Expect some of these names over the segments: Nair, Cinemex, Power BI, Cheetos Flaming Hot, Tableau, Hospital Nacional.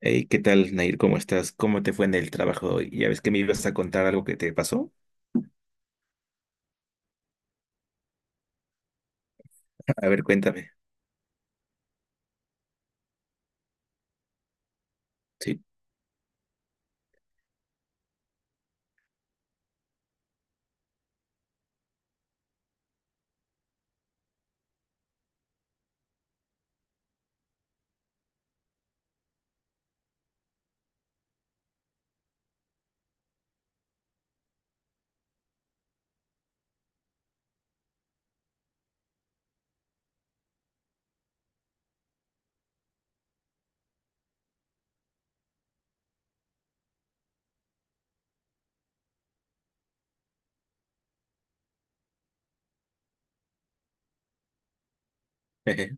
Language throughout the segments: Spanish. Hey, ¿qué tal, Nair? ¿Cómo estás? ¿Cómo te fue en el trabajo hoy? Ya ves que me ibas a contar algo que te pasó. A ver, cuéntame. Sí. Jeje.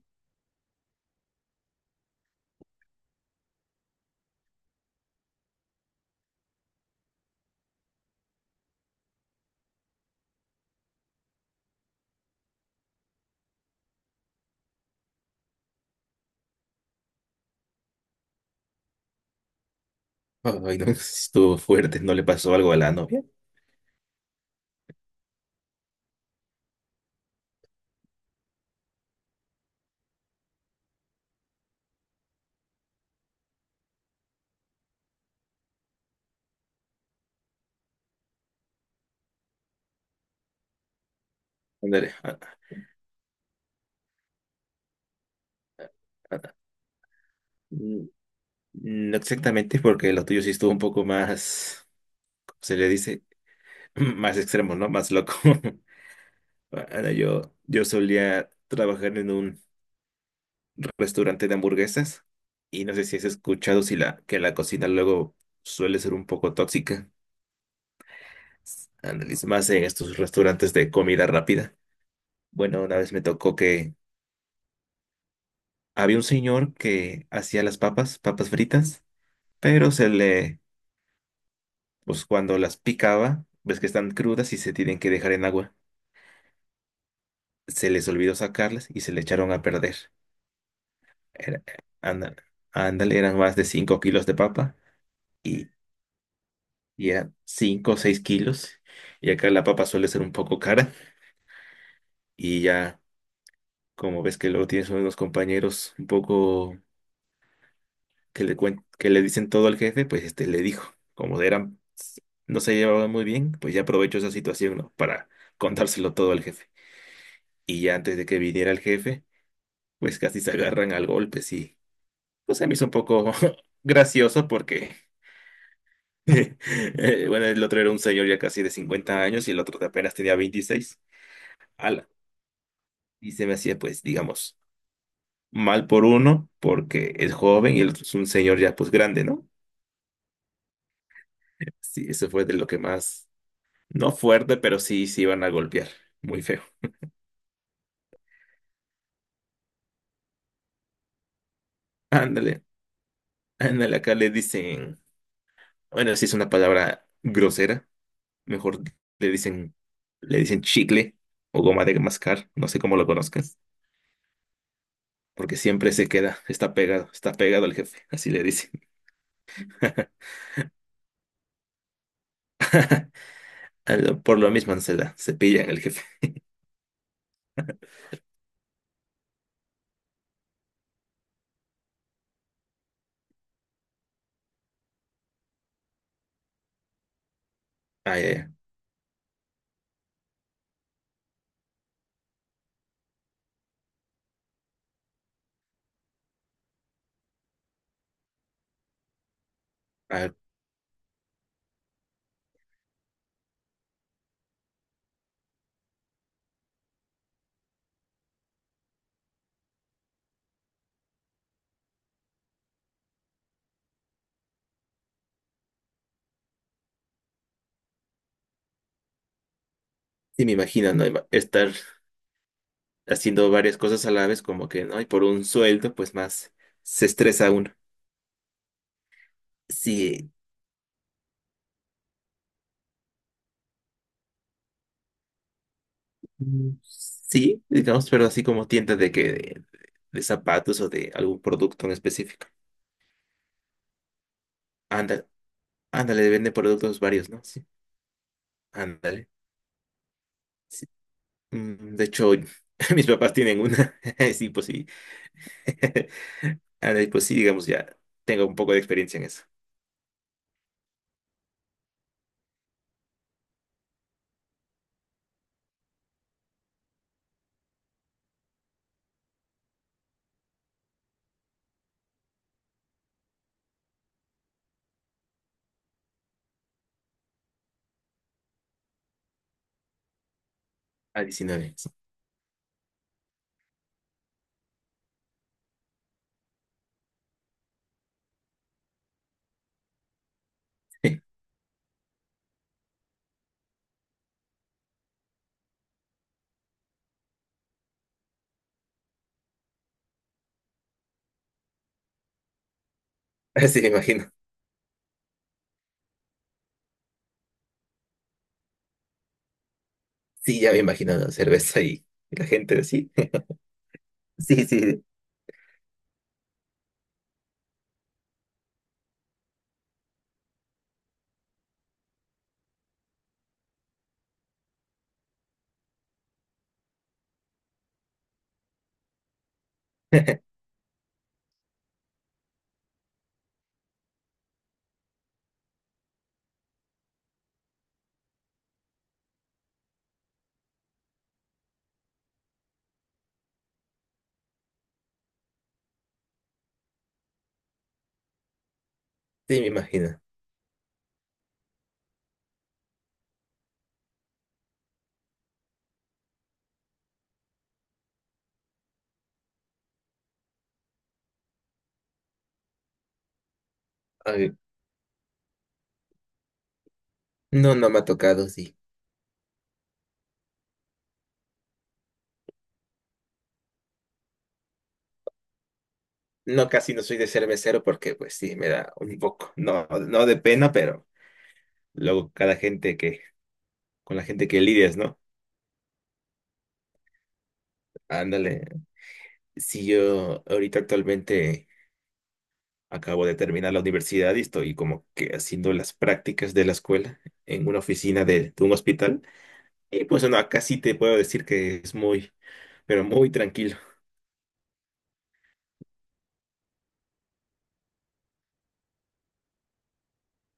Ay, no, estuvo fuerte. ¿No le pasó algo a la novia? Ándale. A- mm, no exactamente, porque lo tuyo sí estuvo un poco más, ¿cómo se le dice? Más extremo, ¿no? Más loco. Ahora, yo solía trabajar en un restaurante de hamburguesas y no sé si has escuchado si la, que la cocina luego suele ser un poco tóxica. Ándale, y más en estos restaurantes de comida rápida. Bueno, una vez me tocó que había un señor que hacía las papas, papas fritas, pero pues cuando las picaba, ves que están crudas y se tienen que dejar en agua. Se les olvidó sacarlas y se le echaron a perder. Era- anda- ándale, eran más de 5 kilos de papa y, y eran 5 o 6 kilos. Y acá la papa suele ser un poco cara y ya, como ves que luego tienes unos compañeros un poco que le dicen todo al jefe, pues este le dijo, como eran, no se llevaban muy bien, pues ya aprovechó esa situación, ¿no? Para contárselo todo al jefe. Y ya antes de que viniera el jefe, pues casi se agarran al golpe, sí. Pues se me hizo un poco gracioso porque, bueno, el otro era un señor ya casi de 50 años y el otro apenas tenía 26. Ala. Y se me hacía, pues, digamos, mal por uno porque es joven y el otro es un señor ya, pues, grande, ¿no? Sí, eso fue de lo que más. No fuerte, pero sí, sí van a golpear. Muy feo. Ándale, ándale, acá le dicen, bueno, si es una palabra grosera, mejor le dicen, le dicen chicle o goma de mascar, no sé cómo lo conozcas, porque siempre se queda, está pegado al jefe, así le dicen. A lo- Por lo mismo no se da, se pillan el jefe. Ay, ay, ay. Y me imagino, ¿no? Iba- Estar haciendo varias cosas a la vez, como que, ¿no? Y por un sueldo, pues más se estresa uno. Sí, mm, sí, digamos, pero así como tiendas de zapatos o de algún producto en específico. Ándale, ándale, vende productos varios, ¿no? Sí, ándale. Sí. Mm, de hecho, mis papás tienen una. Sí, pues sí. Ándale, pues sí, digamos, ya tengo un poco de experiencia en eso. A 19 años. Sí, sí, me imagino. Sí, ya me imagino la cerveza y la gente así. Sí, sí. Sí, me imagino. Ay, no, no me ha tocado, sí. No, casi no soy de ser mesero porque pues sí, me da un poco, no, no de pena, pero luego con la gente que lidias, ¿no? Ándale. Si yo ahorita actualmente acabo de terminar la universidad y estoy como que haciendo las prácticas de la escuela en una oficina de un hospital. Y pues no, acá sí te puedo decir que es muy, pero muy tranquilo.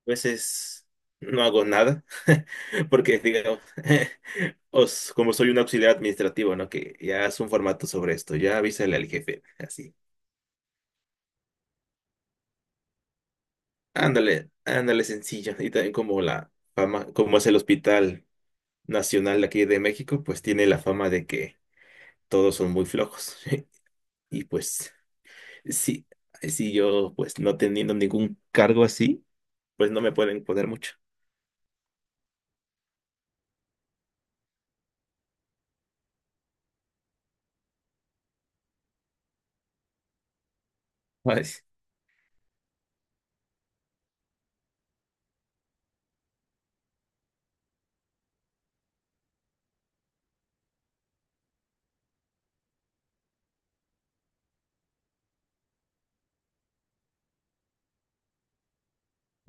A veces no hago nada porque digamos... como soy un auxiliar administrativo, ¿no? Que ya haz un formato sobre esto, ya avísale al jefe, así. Ándale, ándale sencillo. Y también como la fama, como es el Hospital Nacional de aquí de México, pues tiene la fama de que todos son muy flojos. Y pues, sí, sí, yo pues no teniendo ningún cargo así, pues no me pueden poner mucho. ¿Sabes?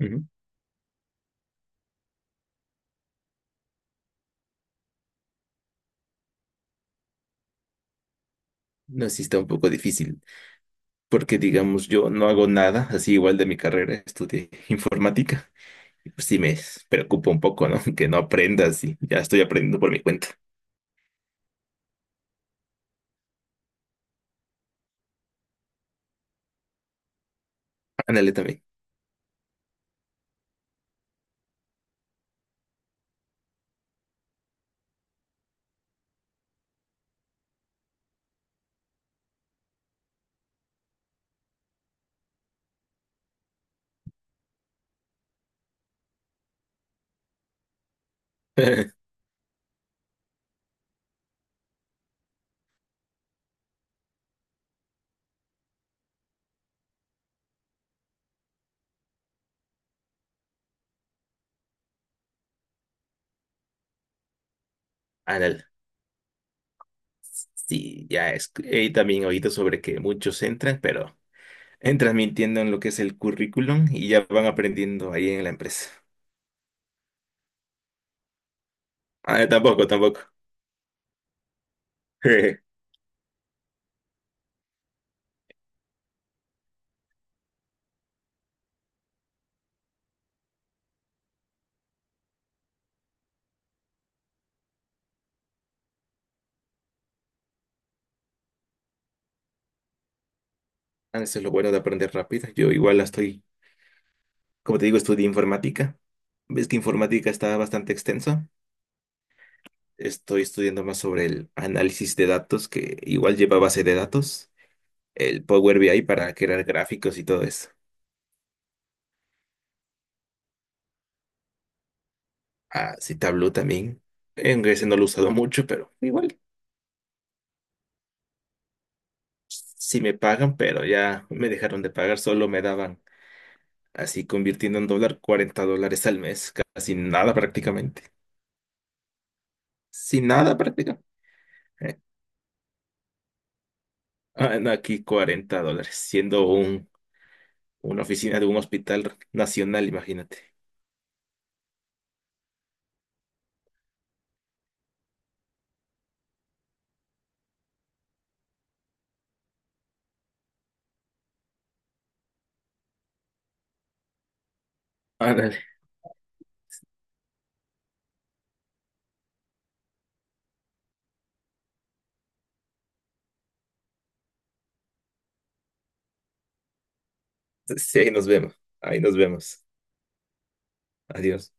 Ujú. No, sí está un poco difícil, porque digamos, yo no hago nada, así igual de mi carrera, estudié informática. Pues sí me preocupa un poco, ¿no? Que no aprendas y ya estoy aprendiendo por mi cuenta. Ándale también. Ándale. Sí, ya es. He también oído sobre que muchos entran, pero entran mintiendo en lo que es el currículum y ya van aprendiendo ahí en la empresa. Ah, tampoco, tampoco. Ah, eso es lo bueno de aprender rápido. Yo igual la estoy, como te digo, estudié informática. Ves que informática está bastante extensa. Estoy estudiando más sobre el análisis de datos, que igual lleva base de datos. El Power BI para crear gráficos y todo eso. Ah, sí, Tableau también. En ese no lo he usado mucho, pero igual sí me pagan, pero ya me dejaron de pagar, solo me daban así convirtiendo en dólar 40 dólares al mes, casi nada prácticamente. Sin nada prácticamente. Eh, ah, no, aquí 40 dólares, siendo una oficina de un hospital nacional, imagínate. Ándale. Sí, ahí nos vemos. Ahí nos vemos. Adiós.